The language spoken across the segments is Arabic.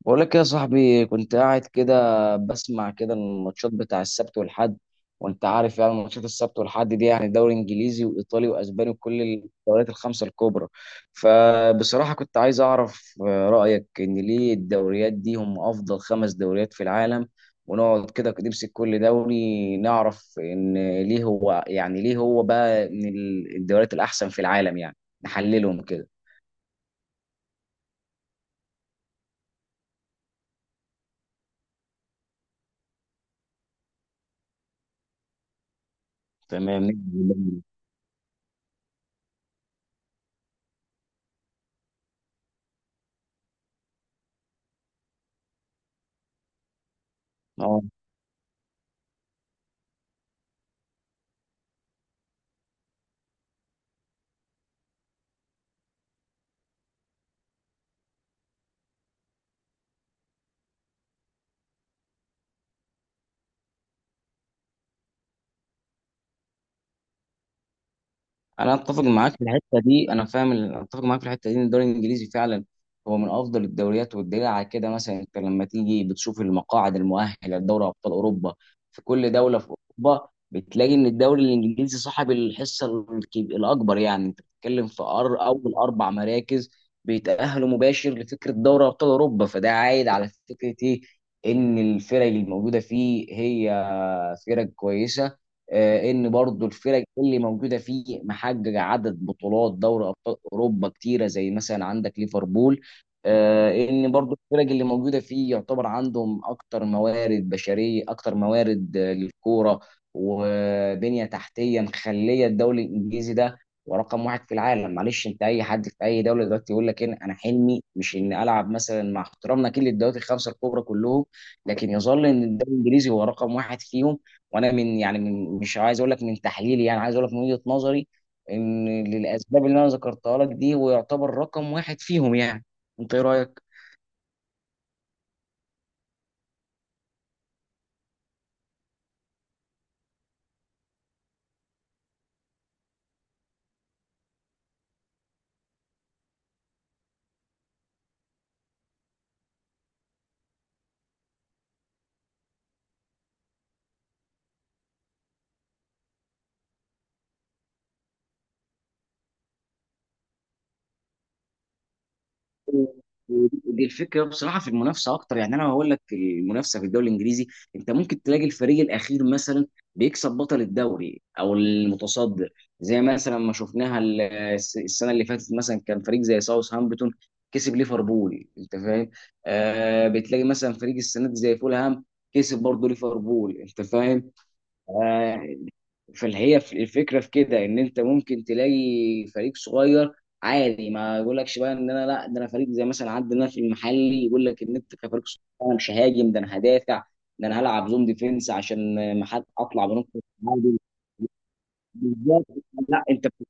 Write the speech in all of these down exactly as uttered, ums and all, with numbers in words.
بقول لك إيه يا صاحبي؟ كنت قاعد كده بسمع كده الماتشات بتاع السبت والحد، وانت عارف يعني ماتشات السبت والحد دي يعني دوري انجليزي وايطالي واسباني وكل الدوريات الخمسه الكبرى. فبصراحه كنت عايز اعرف آه، رايك ان ليه الدوريات دي هم افضل خمس دوريات في العالم، ونقعد كده نمسك كل دوري نعرف ان ليه هو يعني ليه هو بقى من الدوريات الاحسن في العالم، يعني نحللهم كده. تمام. اه انا اتفق معاك في الحته دي، انا فاهم ال- اتفق معاك في الحته دي ان الدوري الانجليزي فعلا هو من افضل الدوريات، والدليل على كده مثلا انت لما تيجي بتشوف المقاعد المؤهله لدوري ابطال اوروبا في كل دوله في اوروبا بتلاقي ان الدوري الانجليزي صاحب الحصه الكب- الاكبر. يعني انت بتتكلم في أر اول اربع مراكز بيتاهلوا مباشر لفكره دوري ابطال اوروبا. فده عايد على فكره ايه؟ ان الفرق الموجوده فيه هي فرق كويسه. آه، ان برضو الفرق اللي موجوده فيه محققه عدد بطولات دوري ابطال اوروبا كتيره، زي مثلا عندك ليفربول. آه، ان برضو الفرق اللي موجوده فيه يعتبر عندهم اكتر موارد بشريه، اكتر موارد آه، للكوره وبنيه تحتيه مخليه الدوري الانجليزي ده ورقم واحد في العالم. معلش، انت اي حد في اي دوله دلوقتي يقول لك إن انا حلمي مش ان العب مثلا، مع احترامنا كل الدوريات الخمسه الكبرى كلهم، لكن يظل ان الدوري الانجليزي هو رقم واحد فيهم. وانا من يعني، من مش عايز اقول لك من تحليلي، يعني عايز اقول لك من وجهة نظري، ان للاسباب اللي انا ذكرتها لك دي هو يعتبر رقم واحد فيهم يعني. انت ايه رايك؟ ودي ودي الفكره بصراحه في المنافسه اكتر. يعني انا هقول لك المنافسه في الدوري الانجليزي انت ممكن تلاقي الفريق الاخير مثلا بيكسب بطل الدوري او المتصدر. زي مثلا ما شفناها ال- الس- السنه اللي فاتت، مثلا كان فريق زي ساوث هامبتون كسب ليفربول، انت فاهم. آه بتلاقي مثلا فريق السنه دي زي فولهام كسب برضه ليفربول، انت فاهم. آه، فالهي في- الفكره في كده ان انت ممكن تلاقي فريق صغير عادي ما يقولكش بقى ان انا لا، ده انا فريق زي مثلا عندنا في المحلي يقول لك ان انت كفريق صغير انا مش ههاجم، ده انا هدافع، ده انا هلعب زون ديفنس عشان ما حد اطلع بنقطه تعادل. بالظبط. لا انت بت-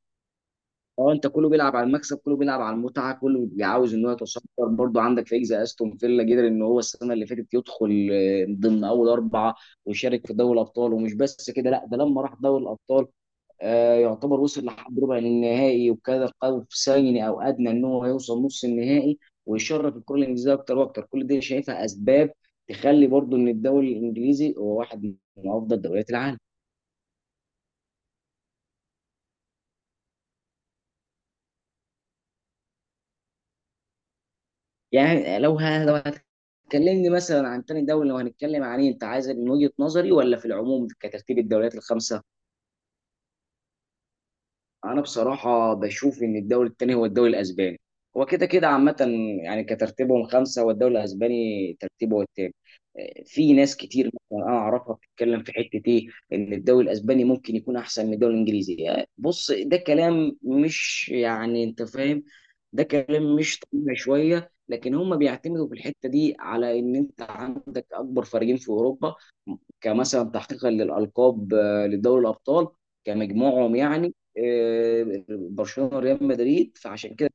اه انت كله بيلعب على المكسب، كله بيلعب على المتعه، كله عاوز ان هو يتصدر. برضه عندك فريق زي استون فيلا قدر ان هو السنه اللي فاتت يدخل آه، ضمن اول اربعه ويشارك في دوري الابطال، ومش بس كده، لا ده لما راح دوري الابطال آه، يعتبر وصل لحد ربع النهائي، وكان قاب ثاني او ادنى ان هو يوصل نص النهائي ويشرف الكره الانجليزيه اكتر واكتر. كل دي شايفها اسباب تخلي برضو ان الدوري الانجليزي هو واحد من افضل دوريات العالم. يعني لو ه- لو هتكلمني مثلا عن تاني دوري، لو هنتكلم عن إيه، انت عايز من وجهه نظري ولا في العموم كترتيب الدوريات الخمسه؟ انا بصراحه بشوف ان الدوري الثاني هو الدوري الاسباني. هو كده كده عامه، يعني كترتيبهم خمسه والدوري الاسباني ترتيبه هو الثاني. في ناس كتير مثلا انا اعرفها بتتكلم في حته ايه، ان الدوري الاسباني ممكن يكون احسن من الدوري الانجليزي. بص، ده كلام مش يعني، انت فاهم، ده كلام مش طبيعي شويه. لكن هم بيعتمدوا في الحته دي على ان انت عندك اكبر فريقين في اوروبا كمثلا تحقيقا للالقاب آه، لدوري الابطال كمجموعهم، يعني آه، برشلونه وريال مدريد. فعشان كده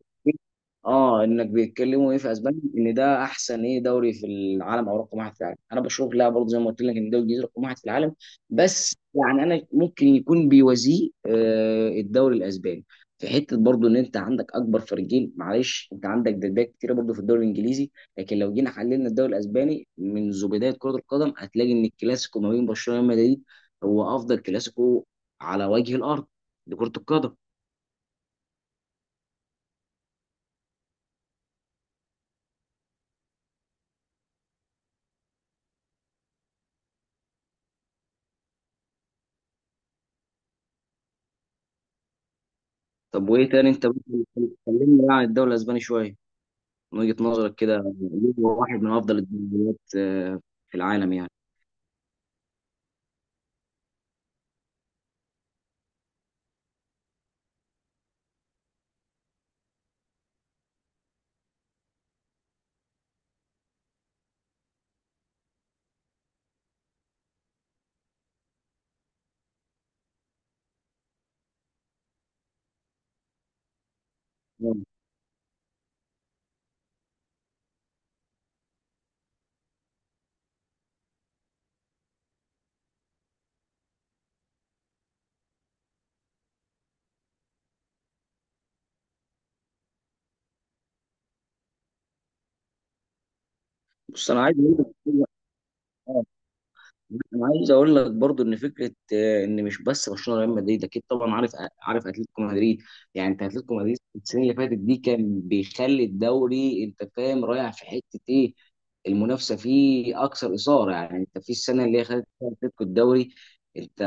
اه انك بيتكلموا ايه في اسبانيا ان ده احسن ايه دوري في العالم، او رقم واحد في العالم. انا بشوف لا، برضه زي ما قلت لك، ان الدوري الانجليزي رقم واحد في العالم، بس يعني انا ممكن يكون بيوازيه آه الدوري الاسباني في حته. برضه ان انت عندك اكبر فريقين، معلش انت عندك دبابات كتيره برضه في الدوري الانجليزي، لكن لو جينا حللنا الدوري الاسباني منذ بدايه كره القدم هتلاقي ان الكلاسيكو ما بين برشلونه وريال مدريد هو افضل كلاسيكو على وجه الارض لكره القدم. طب وايه تاني؟ انت ممكن تكلمنا بقى عن الدوري الاسباني شويه من وجهه نظرك كده، ليه هو واحد من افضل الدوريات آه، في العالم يعني؟ آه، بص انا عايز اقول لك، انا عايز اقول لك برضو ان فكره آه، ان مش بس برشلونه ريال مدريد، اكيد طبعا عارف، عارف اتلتيكو مدريد. يعني انت اتلتيكو مدريد السنه اللي فاتت دي كان بيخلي الدوري، انت فاهم رايح في حته ايه، المنافسه فيه اكثر اثاره. يعني انت في السنه اللي هي خدت فيها اتلتيكو الدوري انت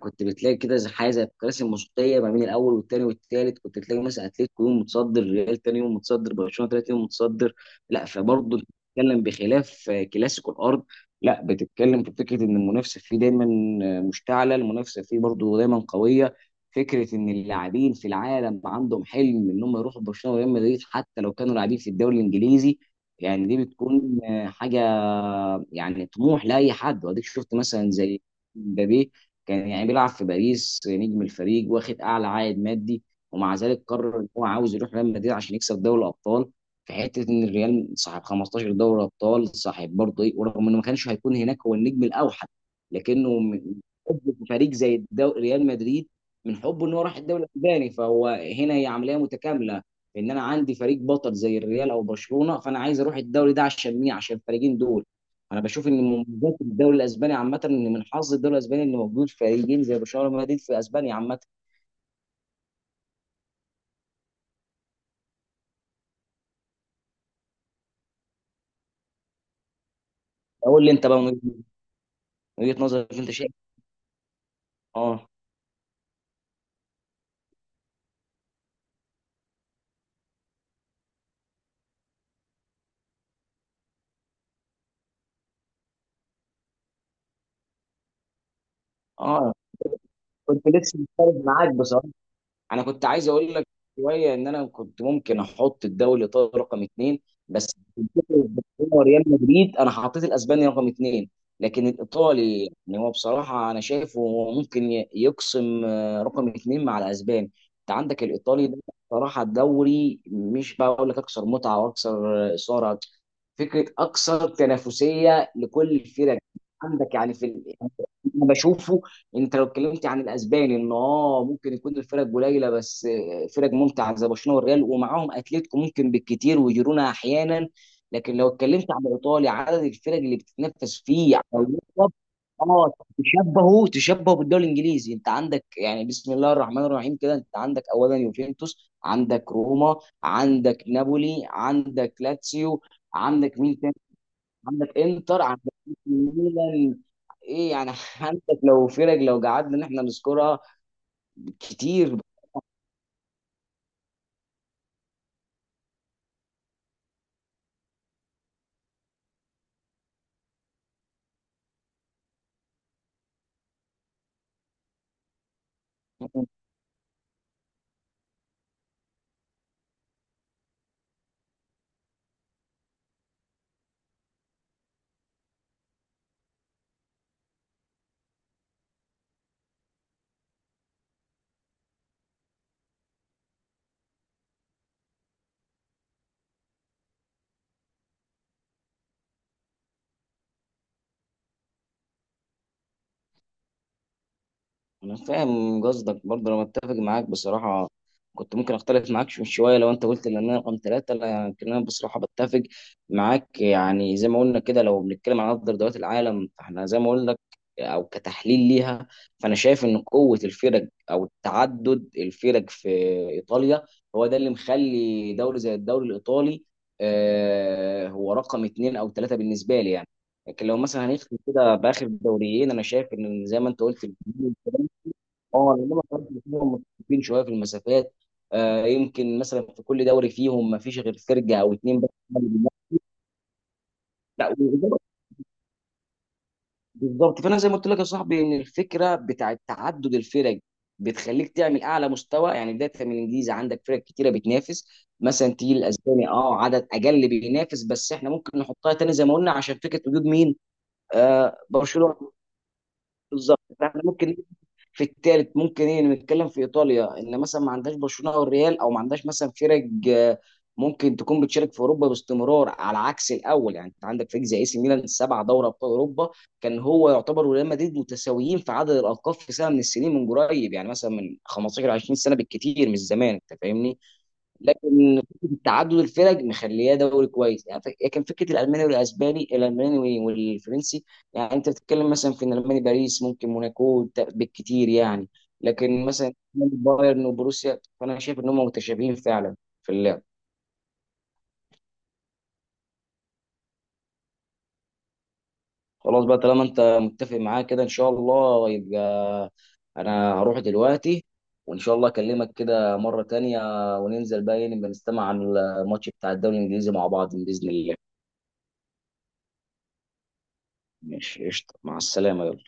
كنت بتلاقي كده زي حاجه زي الكراسي الموسيقيه، ما بين الاول والثاني والثالث كنت تلاقي مثلا اتلتيكو يوم متصدر، ريال ثاني يوم متصدر، برشلونه ثالث يوم متصدر. لا فبرضه بتتكلم بخلاف آه، كلاسيكو الارض، لا بتتكلم في فكره ان المنافسه فيه دايما مشتعله، المنافسه فيه برضه دايما قويه. فكره ان اللاعبين في العالم عندهم حلم ان هم يروحوا برشلونه وريال مدريد حتى لو كانوا لاعبين في الدوري الانجليزي، يعني دي بتكون آه، حاجه يعني طموح لاي حد. واديك شفت مثلا زي مبابي، كان يعني بيلعب في باريس نجم الفريق واخد اعلى عائد مادي، ومع ذلك قرر ان هو عاوز يروح ريال مدريد عشان يكسب دوري الابطال، في حته ان الريال صاحب خمستاشر دوري ابطال، صاحب برضه ايه، ورغم انه ما كانش هيكون هناك هو النجم الاوحد لكنه من حبه في فريق زي الدو... ريال مدريد، من حبه ان هو راح الدوري الاسباني. فهو هنا هي عمليه متكامله، ان انا عندي فريق بطل زي الريال او برشلونه فانا عايز اروح الدوري ده عشان مين، عشان الفريقين دول. انا بشوف ان من مميزات الدوري الاسباني عامه ان من حظ الدوري الاسباني ان موجود فريقين زي برشلونه ومدريد في اسبانيا عامه. قول لي انت بقى من وجهه نظرك انت شايف اه. اه كنت لسه مختلف معاك بصراحه. انا كنت عايز اقول لك شويه ان انا كنت ممكن احط الدوري الايطالي رقم اثنين. بس الفكرة إن هو ريال مدريد، انا حطيت الاسباني رقم اثنين، لكن الايطالي يعني هو بصراحه انا شايفه هو ممكن ي- يقسم آه، رقم اثنين مع الاسباني. انت عندك الايطالي ده بصراحه الدوري مش بقول لك اكثر متعه واكثر آه، اثاره، فكره اكثر تنافسيه لكل الفرق. عندك يعني في ال- يعني انا بشوفه، انت لو اتكلمت عن الاسباني ان اه ممكن يكون الفرق قليله بس، آه، فرق ممتعه زي برشلونه والريال ومعاهم اتلتيكو ممكن بالكتير وجيرونا احيانا. لكن لو اتكلمت عن الايطالي عدد الفرق اللي بتتنافس فيه على اللقب، اه تشبهه تشبهه بالدوري الانجليزي. انت عندك يعني بسم الله الرحمن الرحيم كده، انت عندك اولا يوفنتوس، عندك روما، عندك نابولي، عندك لاتسيو، عندك مين تاني، عندك انتر، عندك ميلان، ايه يعني عندك لو فرق لو قعدنا ان احنا نذكرها كتير. انا فاهم قصدك، برضه انا متفق معاك بصراحه. كنت ممكن اختلف معاك شو- شويه لو انت قلت ان انا رقم ثلاثه، لكن انا بصراحه بتفق معاك. يعني زي ما قلنا كده، لو بنتكلم عن افضل دوريات العالم فاحنا زي ما قلنا لك، او كتحليل ليها، فانا شايف ان قوه الفرق او تعدد الفرق في ايطاليا هو ده اللي مخلي دوري زي الدوري الايطالي آه، هو رقم اثنين او ثلاثه بالنسبه لي يعني. لكن لو مثلا هنختم كده باخر دوريين، انا شايف ان زي ما انت قلت اه، انما كمان فيهم متفقين شويه في المسافات. آه يمكن مثلا في كل دوري فيهم ما فيش غير فرقه او اتنين بس. لا بالظبط. فانا زي ما قلت لك يا صاحبي، ان الفكره بتاعت تعدد الفرق بتخليك تعمل اعلى مستوى. يعني بدايه من الانجليزي عندك فرق كتيره بتنافس، مثلا تيجي الاسباني اه عدد اقل بينافس، بس احنا ممكن نحطها تاني زي ما قلنا عشان فكره وجود مين. آه برشلونه. بالظبط، فاحنا ممكن في الثالث ممكن ايه نتكلم في ايطاليا ان مثلا ما عندهاش برشلونه او الريال او ما عندهاش مثلا فرق آه، ممكن تكون بتشارك في اوروبا باستمرار. على عكس الاول يعني انت عندك فريق زي اي سي ميلان سبعه دوري ابطال اوروبا، كان هو يعتبر وريال مدريد متساويين في عدد الالقاب في سنه من السنين من قريب، يعني مثلا من خمسة عشر عشرين سنة سنه بالكثير، مش زمان، انت فاهمني. لكن فكرة تعدد الفرق مخلياه دوري كويس يعني فك- لكن فكره الالماني والاسباني، الالماني وال- والفرنسي، يعني انت بتتكلم مثلا في الالماني باريس ممكن موناكو ت- بالكتير يعني. لكن مثلا بايرن وبروسيا فانا شايف ان هم متشابهين فعلا في اللعب. خلاص بقى طالما انت متفق معايا كده، ان شاء الله يبقى انا هروح دلوقتي وان شاء الله اكلمك كده مره تانية وننزل بقى نبقى نستمع عن الماتش بتاع الدوري الانجليزي مع بعض باذن الله. ماشي قشطه، مع السلامه، يلا.